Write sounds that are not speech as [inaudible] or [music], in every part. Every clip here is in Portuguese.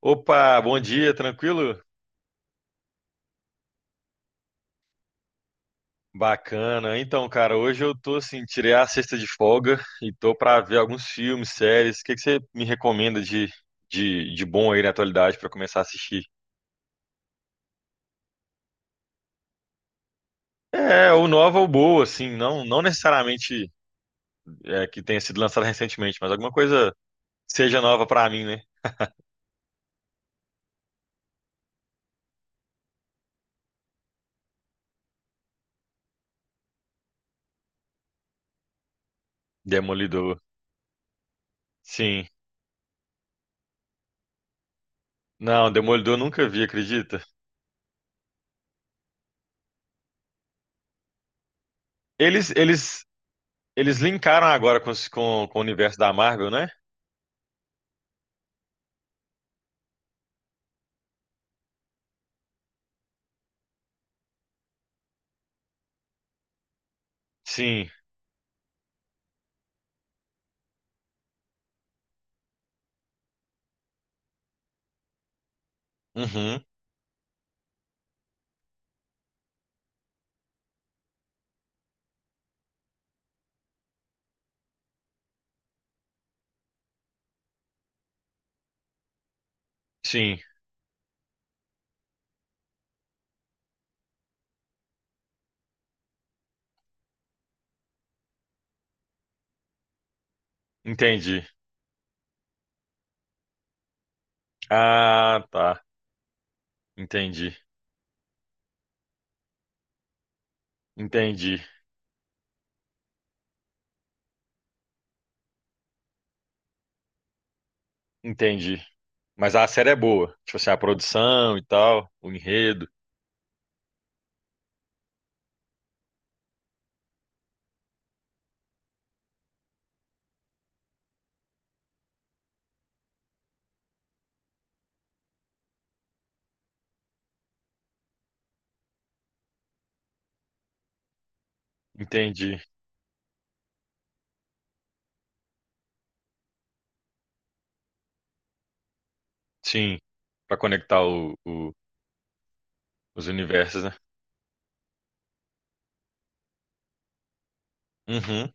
Opa, bom dia, tranquilo? Bacana. Então, cara, hoje eu tô assim, tirei a sexta de folga e tô pra ver alguns filmes, séries. O que que você me recomenda de bom aí na atualidade pra começar a assistir? É, ou nova ou boa, assim, não necessariamente que tenha sido lançada recentemente, mas alguma coisa que seja nova pra mim, né? Demolidor. Sim. Não, Demolidor eu nunca vi, acredita? Eles, eles, eles linkaram agora com com o universo da Marvel, né? Sim. Uhum. Sim. Entendi. Ah, tá. Entendi. Entendi. Entendi. Mas a série é boa. Tipo assim, a produção e tal, o enredo. Entendi. Sim. Pra conectar o- os universos, né? Uhum.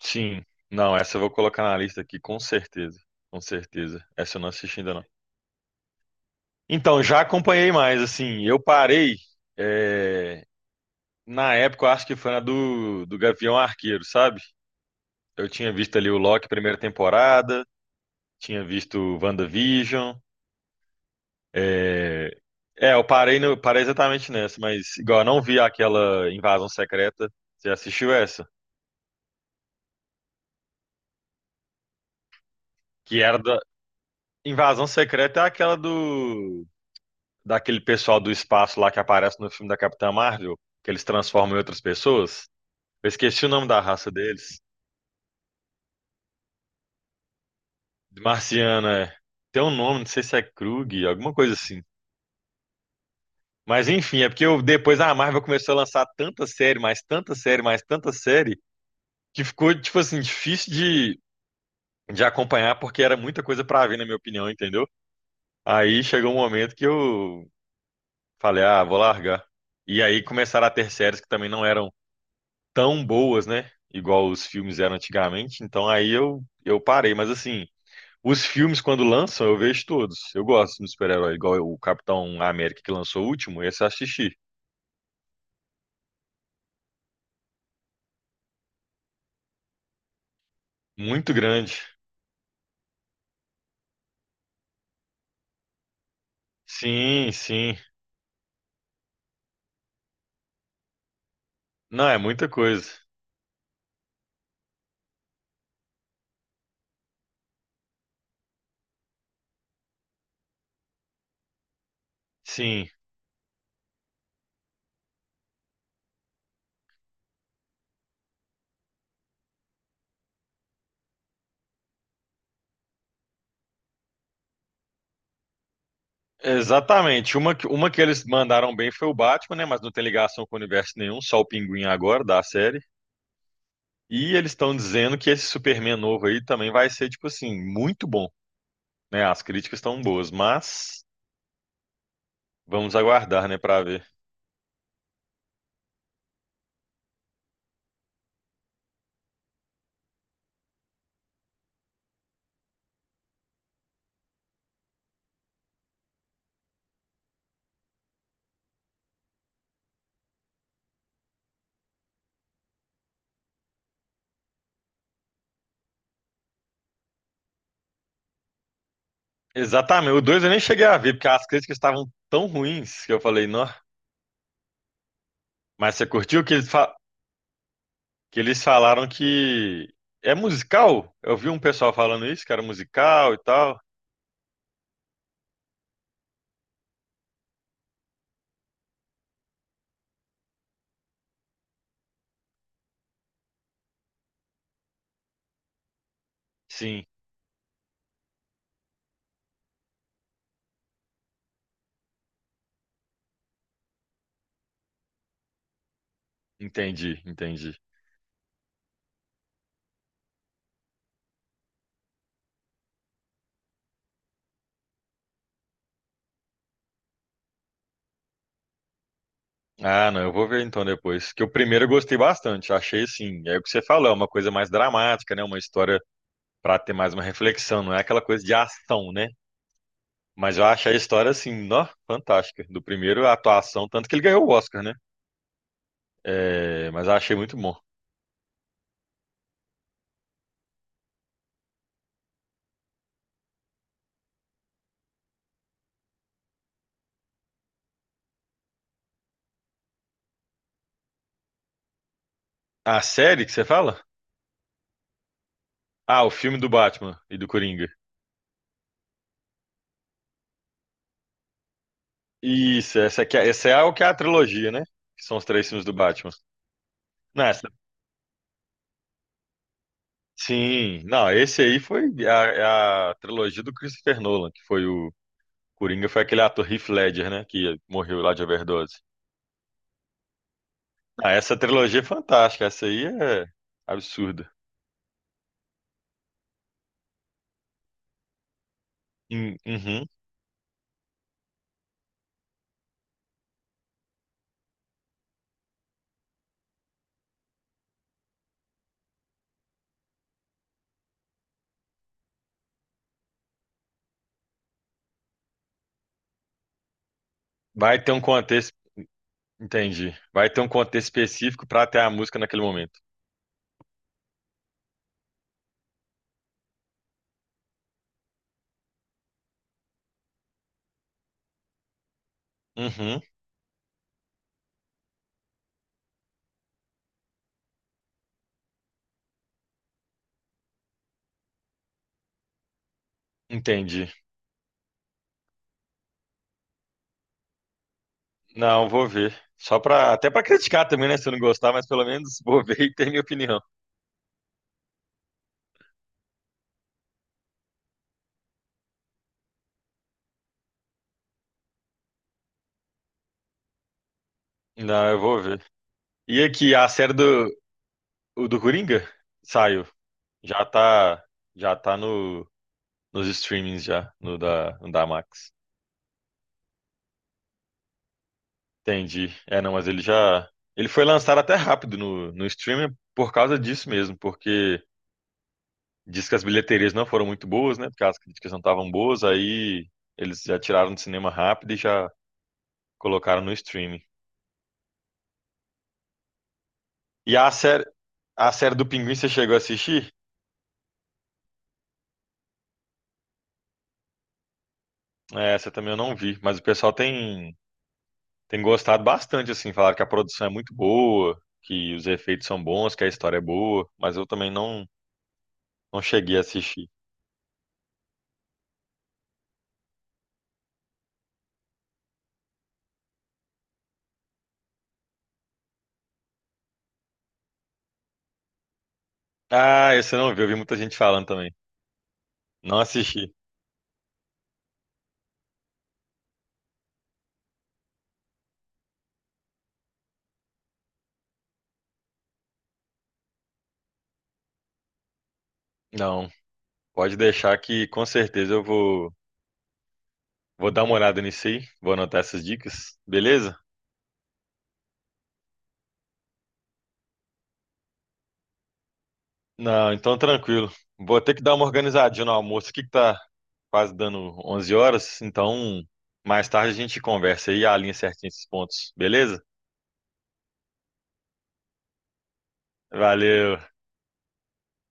Sim. Não, essa eu vou colocar na lista aqui, com certeza. Com certeza. Essa eu não assisti ainda, não. Então, já acompanhei mais, assim. Eu parei. é, Na época, eu acho que foi na do Gavião Arqueiro, sabe? Eu tinha visto ali o Loki, primeira temporada. Tinha visto WandaVision. É, eu parei, no, parei exatamente nessa, mas igual eu não vi aquela Invasão Secreta. Você assistiu essa? Que era da. Invasão Secreta é aquela do. Daquele pessoal do espaço lá que aparece no filme da Capitã Marvel, que eles transformam em outras pessoas. Eu esqueci o nome da raça deles. Marciana, é. Tem um nome, não sei se é Krug, alguma coisa assim. Mas enfim, é porque eu, depois a Marvel começou a lançar tanta série, mais tanta série, mais tanta série. Que ficou, tipo assim, difícil de acompanhar, porque era muita coisa pra ver, na minha opinião, entendeu? Aí chegou um momento que eu falei, ah, vou largar. E aí começaram a ter séries que também não eram tão boas, né? Igual os filmes eram antigamente. Então aí eu parei. Mas assim, os filmes, quando lançam, eu vejo todos. Eu gosto de super-herói, igual o Capitão América que lançou o último, esse eu assisti. Muito grande. Sim, sim. Não, é muita coisa. Sim. Exatamente. Uma que eles mandaram bem foi o Batman, né? Mas não tem ligação com o universo nenhum, só o Pinguim agora da série. E eles estão dizendo que esse Superman novo aí também vai ser, tipo assim, muito bom, né? As críticas estão boas, mas vamos aguardar, né, pra ver. Exatamente. O 2 eu nem cheguei a ver, porque as críticas estavam tão ruins que eu falei, não. Mas você curtiu que eles falaram que é musical? Eu vi um pessoal falando isso, que era musical e tal. Sim, entendi. Ah, não, eu vou ver então depois. Que o primeiro eu gostei bastante, achei assim, é o que você falou, é uma coisa mais dramática, né? Uma história para ter mais uma reflexão, não é aquela coisa de ação, né? Mas eu achei a história assim, ó, fantástica. Do primeiro a atuação, tanto que ele ganhou o Oscar, né? É, mas eu achei muito bom. A série que você fala? Ah, o filme do Batman e do Coringa. Isso, essa é o que é a trilogia, né? Que são os três filmes do Batman. Não, essa- sim, não, esse aí foi a trilogia do Christopher Nolan, que foi o Coringa, foi aquele ator Heath Ledger, né? Que morreu lá de overdose. Ah, essa trilogia é fantástica. Essa aí é absurda. Uhum. Vai ter um contexto. Entendi. Vai ter um contexto específico pra ter a música naquele momento. Uhum. Entendi. Não, vou ver. Só pra. Até pra criticar também, né? Se eu não gostar, mas pelo menos [laughs] vou ver e ter minha opinião. Não, eu vou ver. E aqui, o do Coringa saiu. Já tá. Já tá nos streamings já, no da Max. Entendi. É, não, mas ele já. Ele foi lançado até rápido no streaming por causa disso mesmo, porque diz que as bilheterias não foram muito boas, né? Porque as críticas não estavam boas, aí eles já tiraram do cinema rápido e já colocaram no streaming. E a série do Pinguim, você chegou a assistir? É, Essa também eu não vi, mas o pessoal tem gostado bastante, assim, falaram que a produção é muito boa, que os efeitos são bons, que a história é boa, mas eu também não cheguei a assistir. Ah, esse eu não vi, eu vi muita gente falando também. Não assisti. Não. Pode deixar que com certeza eu vou dar uma olhada nisso aí. Vou anotar essas dicas, beleza? Não, então tranquilo. Vou ter que dar uma organizadinha no almoço aqui que tá quase dando 11 horas. Então, mais tarde a gente conversa aí e alinha certinho esses pontos, beleza? Valeu.